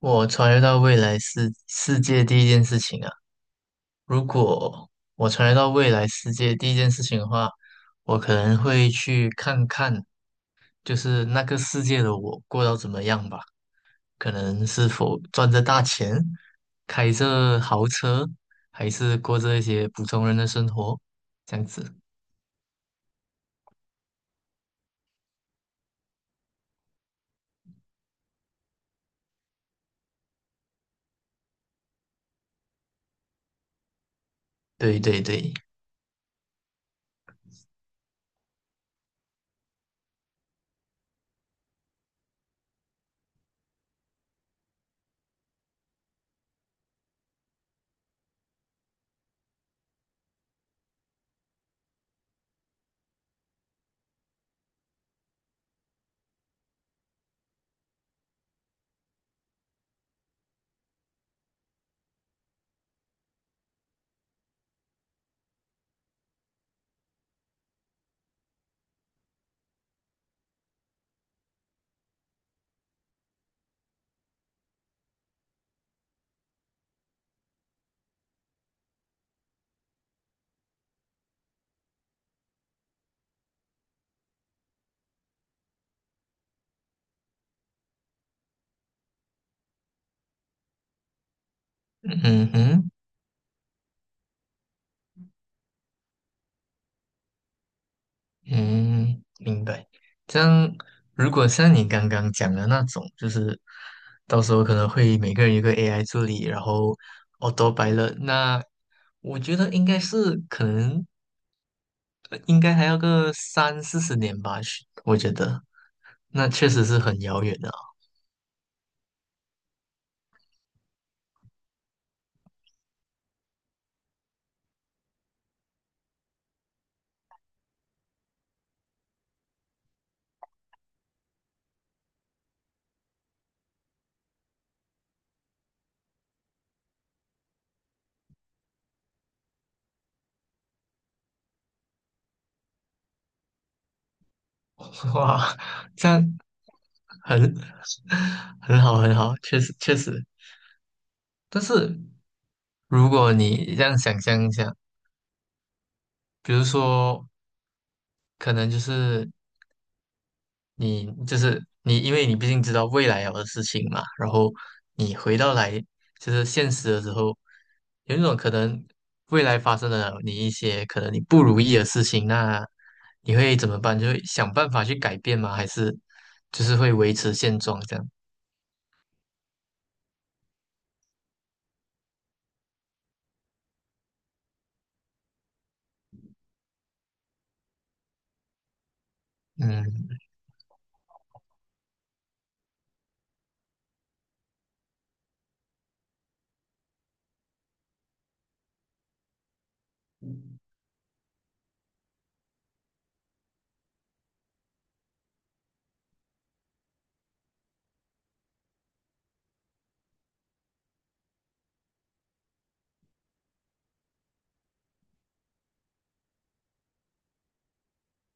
我穿越到未来世界第一件事情啊，如果我穿越到未来世界第一件事情的话，我可能会去看看，就是那个世界的我过到怎么样吧，可能是否赚着大钱，开着豪车，还是过着一些普通人的生活，这样子。对对对，嗯哼。嗯，明白。这样，如果像你刚刚讲的那种，就是到时候可能会每个人有个 AI 助理，然后 auto pilot，那我觉得应该是可能应该还要个三四十年吧，是我觉得那确实是很遥远的哦 哇，这样很 很好很好，确实确实。但是如果你这样想象一下，比如说可能就是。你就是你，因为你毕竟知道未来有的事情嘛，然后你回到来就是现实的时候，有一种可能未来发生了你一些可能你不如意的事情，那你会怎么办？就会想办法去改变吗？还是就是会维持现状这样？嗯，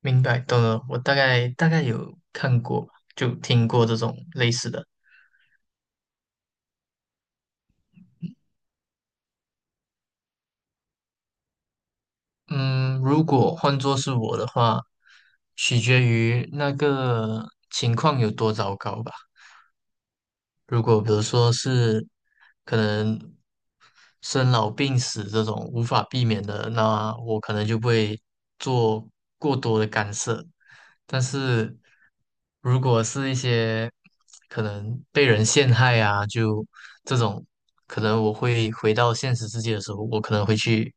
明白，懂了。我大概有看过，就听过这种类似的。嗯，如果换作是我的话，取决于那个情况有多糟糕吧。如果比如说是可能生老病死这种无法避免的，那我可能就不会做过多的干涉。但是如果是一些可能被人陷害啊，就这种，可能我会回到现实世界的时候，我可能会去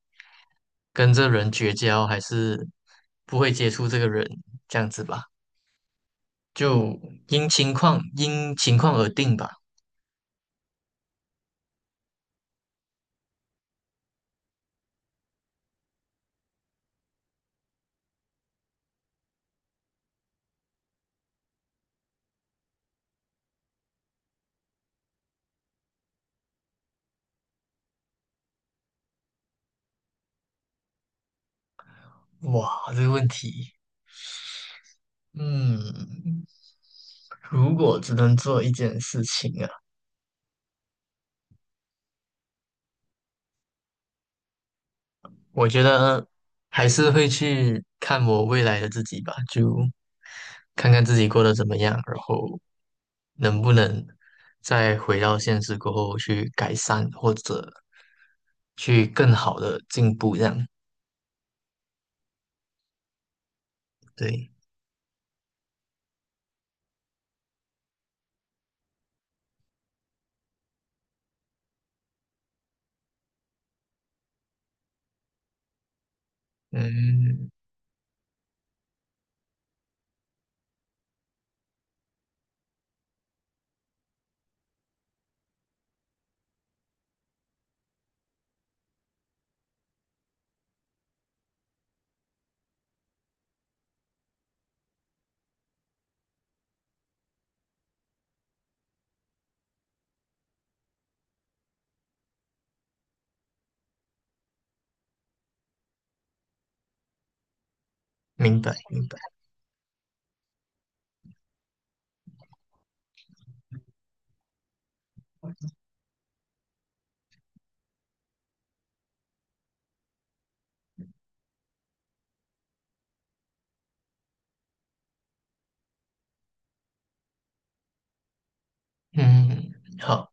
跟这人绝交，还是不会接触这个人，这样子吧，就因情况而定吧。哇，这个问题，嗯，如果只能做一件事情啊，我觉得还是会去看我未来的自己吧，就看看自己过得怎么样，然后能不能再回到现实过后去改善，或者去更好的进步，这样，对，嗯，明白，明白，嗯，好，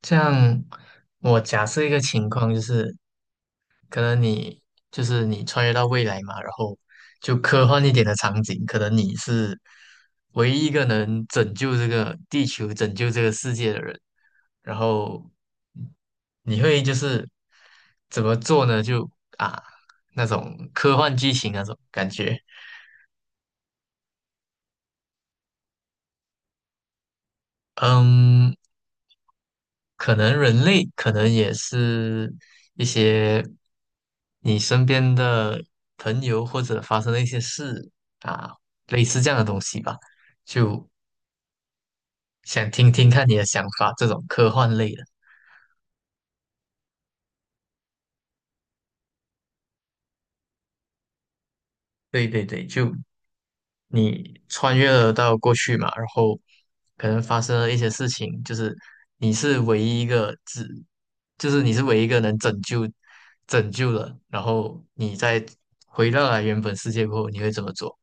这样我假设一个情况就是。可能你就是你穿越到未来嘛，然后就科幻一点的场景，可能你是唯一一个能拯救这个地球、拯救这个世界的人，然后你会就是怎么做呢？就啊那种科幻剧情那种感觉，嗯，可能人类可能也是一些你身边的朋友或者发生的一些事啊，类似这样的东西吧，就想听听看你的想法，这种科幻类的。对对对，就你穿越了到过去嘛，然后可能发生了一些事情，你是唯一一个只，你是唯一一个能拯救了，然后你再回到了原本世界过后，你会怎么做？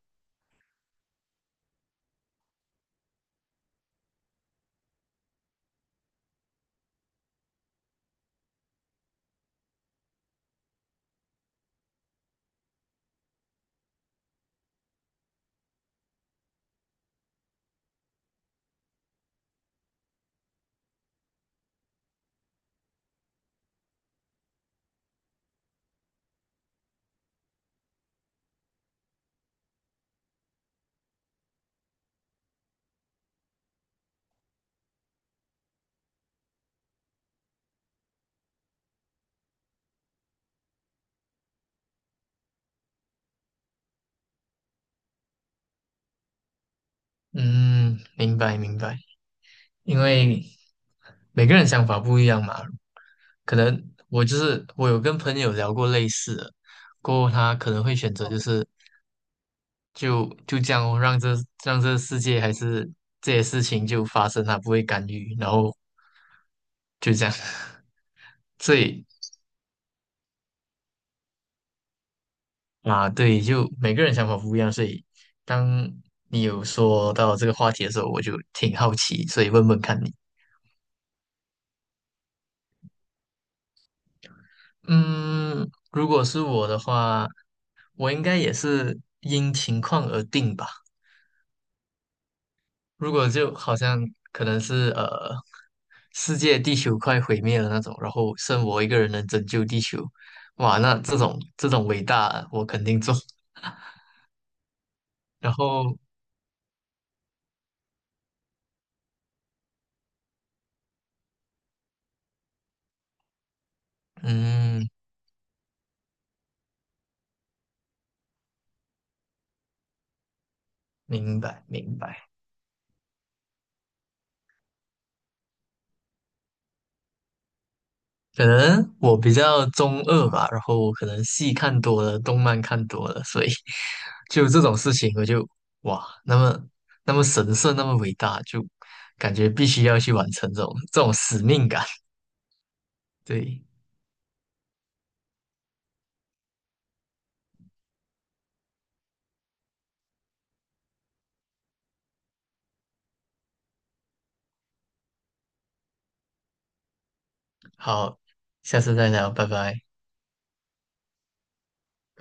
嗯，明白明白，因为每个人想法不一样嘛，可能我就是我有跟朋友聊过类似的，过后他可能会选择就是就这样哦让这世界还是这些事情就发生，他不会干预，然后就这样，所以啊对，就每个人想法不一样，所以当你有说到这个话题的时候，我就挺好奇，所以问问看你。嗯，如果是我的话，我应该也是因情况而定吧。如果就好像可能是世界地球快毁灭了那种，然后剩我一个人能拯救地球，哇，那这种这种伟大我肯定做。然后嗯，明白明白。可能我比较中二吧，然后我可能戏看多了，动漫看多了，所以 就这种事情，我就哇，那么那么神圣，那么伟大，就感觉必须要去完成这种这种使命感。对，好，下次再聊，拜拜。